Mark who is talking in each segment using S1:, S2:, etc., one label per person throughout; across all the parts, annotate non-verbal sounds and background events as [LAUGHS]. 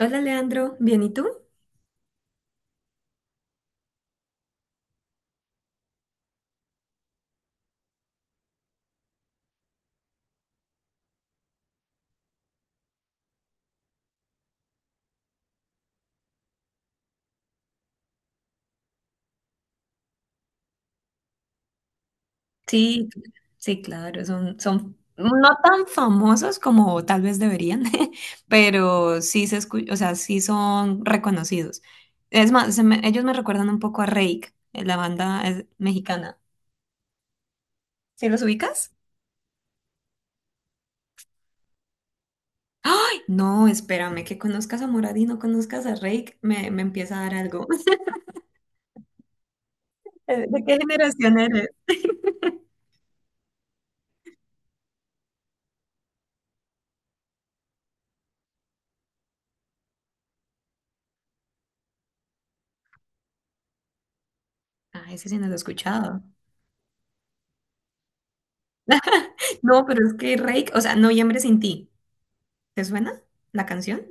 S1: Hola Leandro, ¿bien y tú? Sí, sí, claro, son no tan famosos como tal vez deberían, [LAUGHS] pero sí se escu- o sea, sí son reconocidos. Es más, ellos me recuerdan un poco a Reik, la banda mexicana. ¿Sí los ubicas? ¡Ay! No, espérame, que conozcas a Morad y no conozcas a Reik, me empieza a dar algo. [LAUGHS] ¿De qué generación eres? Ah, ese sí no lo he escuchado. [LAUGHS] No, pero es que Reik, o sea, Noviembre sin ti, ¿te suena la canción?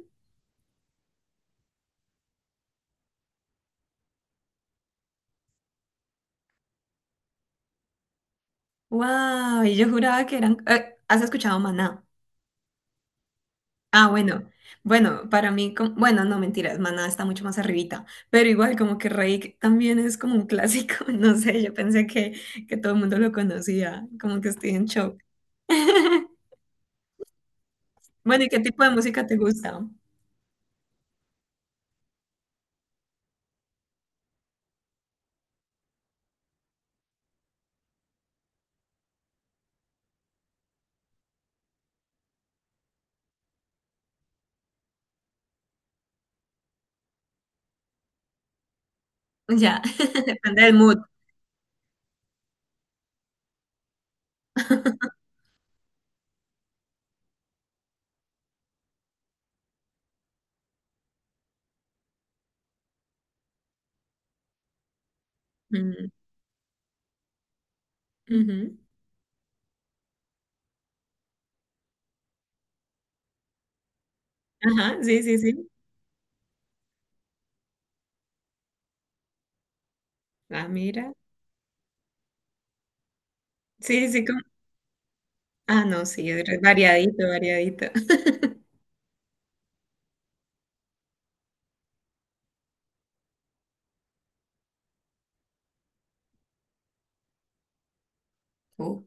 S1: Wow, y yo juraba que eran. ¿Has escuchado Maná? Ah, bueno. Bueno, para mí, bueno, no mentiras, Maná está mucho más arribita, pero igual como que Reik también es como un clásico, [LAUGHS] no sé, yo pensé que todo el mundo lo conocía, como que estoy en shock. [LAUGHS] Bueno, ¿y qué tipo de música te gusta? Ya, [LAUGHS] depende del mood. Mm, ujú. Ajá, sí, sí, sí. Ah, mira. Sí, sí, como... Ah, no, sí, es variadito, variadito. [LAUGHS] Oh.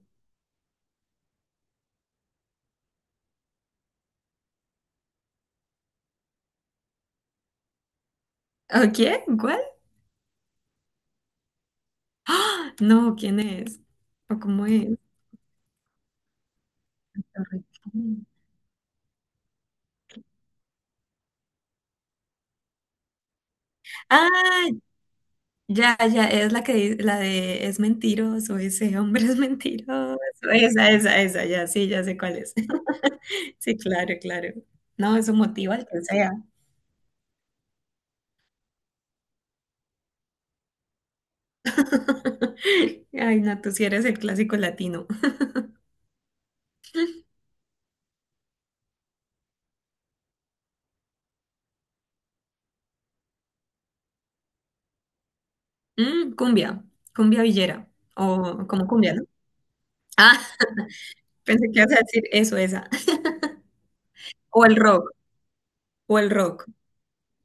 S1: ¿O qué? ¿What? ¡Ah! No, ¿quién es? ¿O cómo es? Torrentino. Ah, ya, ya, es la que di- la de es mentiroso, ese hombre es mentiroso. Esa, ya, sí, ya sé cuál es. [LAUGHS] Sí, claro, claro. No, eso motiva al que sea. [LAUGHS] Ay, no, tú sí eres el clásico latino. Mm, cumbia, cumbia villera, o como cumbia, ¿no? Ah, pensé que ibas a decir eso, esa. O el rock, o el rock.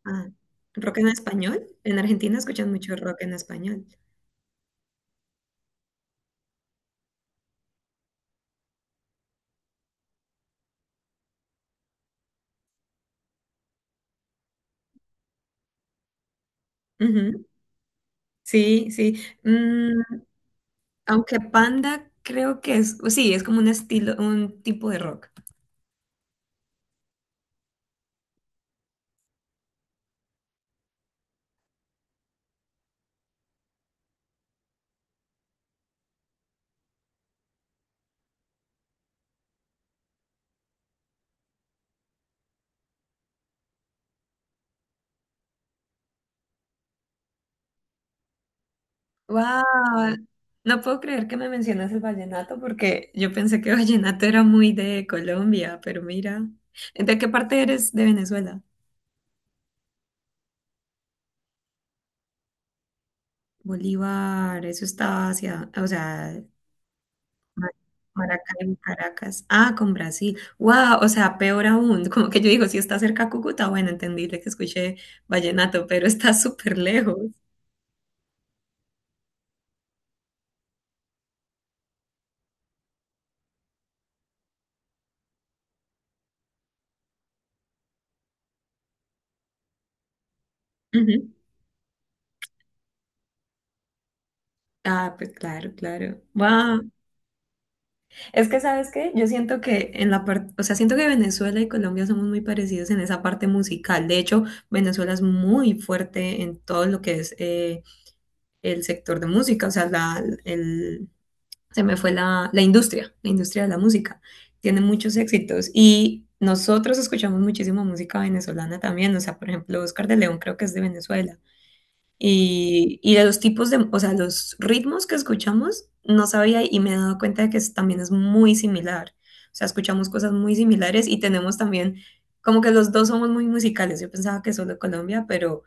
S1: Ah, rock en español. En Argentina escuchan mucho rock en español. Ujú, sí, sí. Mm, aunque Panda creo que es, sí, es como un estilo, un tipo de rock. Wow, no puedo creer que me mencionas el vallenato porque yo pensé que [LAUGHS] vallenato era muy de Colombia, pero mira, ¿de qué parte eres de Venezuela? Bolívar, eso está hacia, o sea, Ma- Maracaibo, Caracas. Ah, con Brasil. Wow, o sea, peor aún. [LAUGHS] Como que yo digo, si está cerca a Cúcuta, bueno, entendible que escuché vallenato, pero está súper lejos. Ujú. Ah, pues claro, claro. Wow. Es que, ¿sabes qué? Yo siento que en la parte, o sea, siento que Venezuela y Colombia somos muy parecidos en esa parte musical. De hecho, Venezuela es muy fuerte en todo lo que es el sector de música, o sea, se me fue la industria de la música. Tiene muchos éxitos y nosotros escuchamos muchísima música venezolana también, o sea, por ejemplo, Oscar de León creo que es de Venezuela. Y de los tipos de, o sea, los ritmos que escuchamos, no sabía y me he dado cuenta de que también es muy similar. O sea, escuchamos cosas muy similares y tenemos también, como que los dos somos muy musicales. Yo pensaba que solo Colombia, pero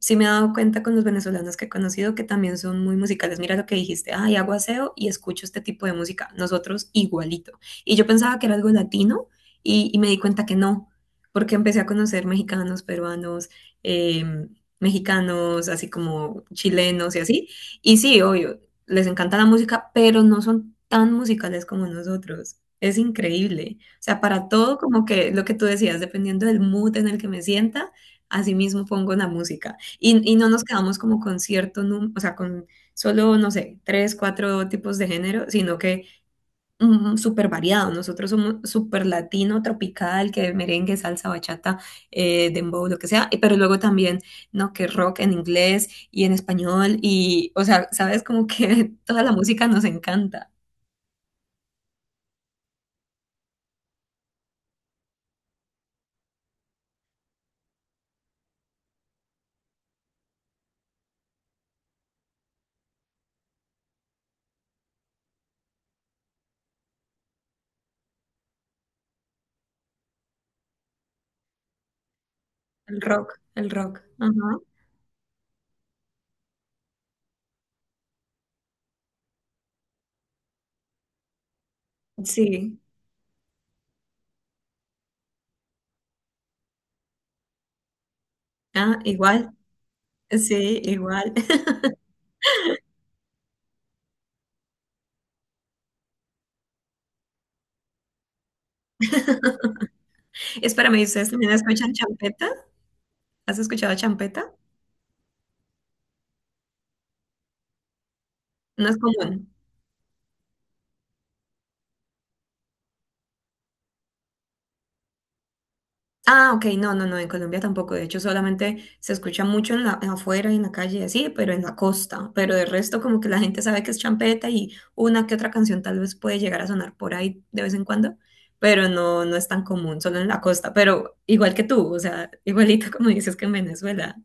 S1: sí me he dado cuenta con los venezolanos que he conocido que también son muy musicales. Mira lo que dijiste, ay, hago aseo y escucho este tipo de música. Nosotros igualito. Y yo pensaba que era algo latino y me di cuenta que no, porque empecé a conocer mexicanos, peruanos, eh, mexicanos, así como chilenos y así. Y sí, obvio, les encanta la música, pero no son tan musicales como nosotros. Es increíble. O sea, para todo, como que lo que tú decías, dependiendo del mood en el que me sienta, así mismo pongo la música. Y no nos quedamos como con cierto número, o sea, con solo, no sé, tres, cuatro tipos de género, sino que súper variado. Nosotros somos súper latino, tropical, que merengue, salsa, bachata, dembow, lo que sea, pero luego también, ¿no? Que rock en inglés y en español, y, o sea, sabes, como que [LAUGHS] toda la música nos encanta. El rock, el rock. Ajá. Sí. Ah, igual. Sí, igual. [LAUGHS] Espérame, ¿y ¿ustedes también escuchan champeta? ¿Has escuchado champeta? No es común. Ah, ok, no, no, no, en Colombia tampoco. De hecho, solamente se escucha mucho en la, afuera, y en la calle, así, pero en la costa. Pero de resto, como que la gente sabe que es champeta y una que otra canción tal vez puede llegar a sonar por ahí de vez en cuando, pero no, no es tan común, solo en la costa. Pero igual que tú, o sea, [LAUGHS] igualito como dices que en Venezuela.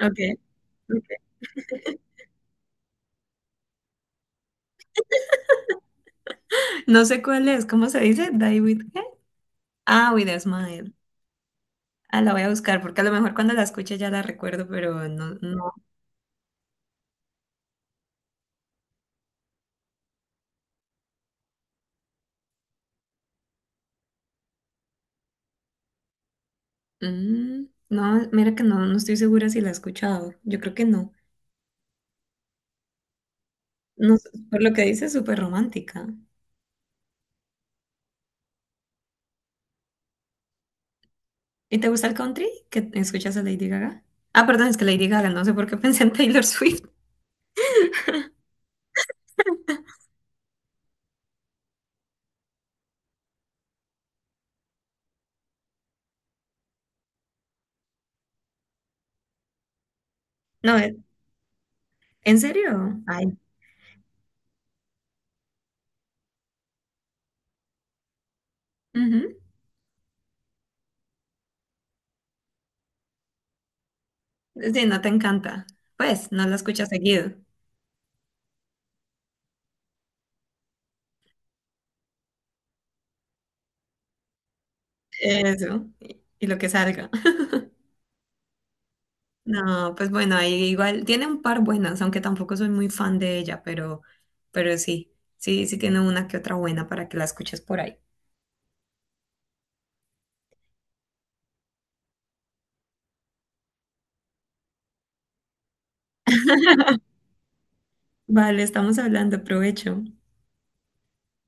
S1: Ok. Ok. No sé cuál es, ¿cómo se dice? Die with ¿qué? Ah, with a smile. Ah, la voy a buscar porque a lo mejor cuando la escuche ya la recuerdo, pero no, mm, no, mira que no, no estoy segura si la he escuchado. Yo creo que no. No, sé, por lo que dices, súper romántica. ¿Y te gusta el country? ¿Que escuchas a Lady Gaga? Ah, perdón, es que Lady Gaga, no sé por qué [LAUGHS] pensé en Taylor Swift. No, ¿en serio? Ay. Ujú. Sí, no te encanta. Pues, no la escuchas seguido. Eso, y lo que salga. [LAUGHS] No, pues bueno, ahí igual tiene un par buenas, aunque tampoco soy muy fan de ella, pero sí, sí, sí tiene una que otra buena para que la escuches por ahí. Vale, estamos hablando, provecho.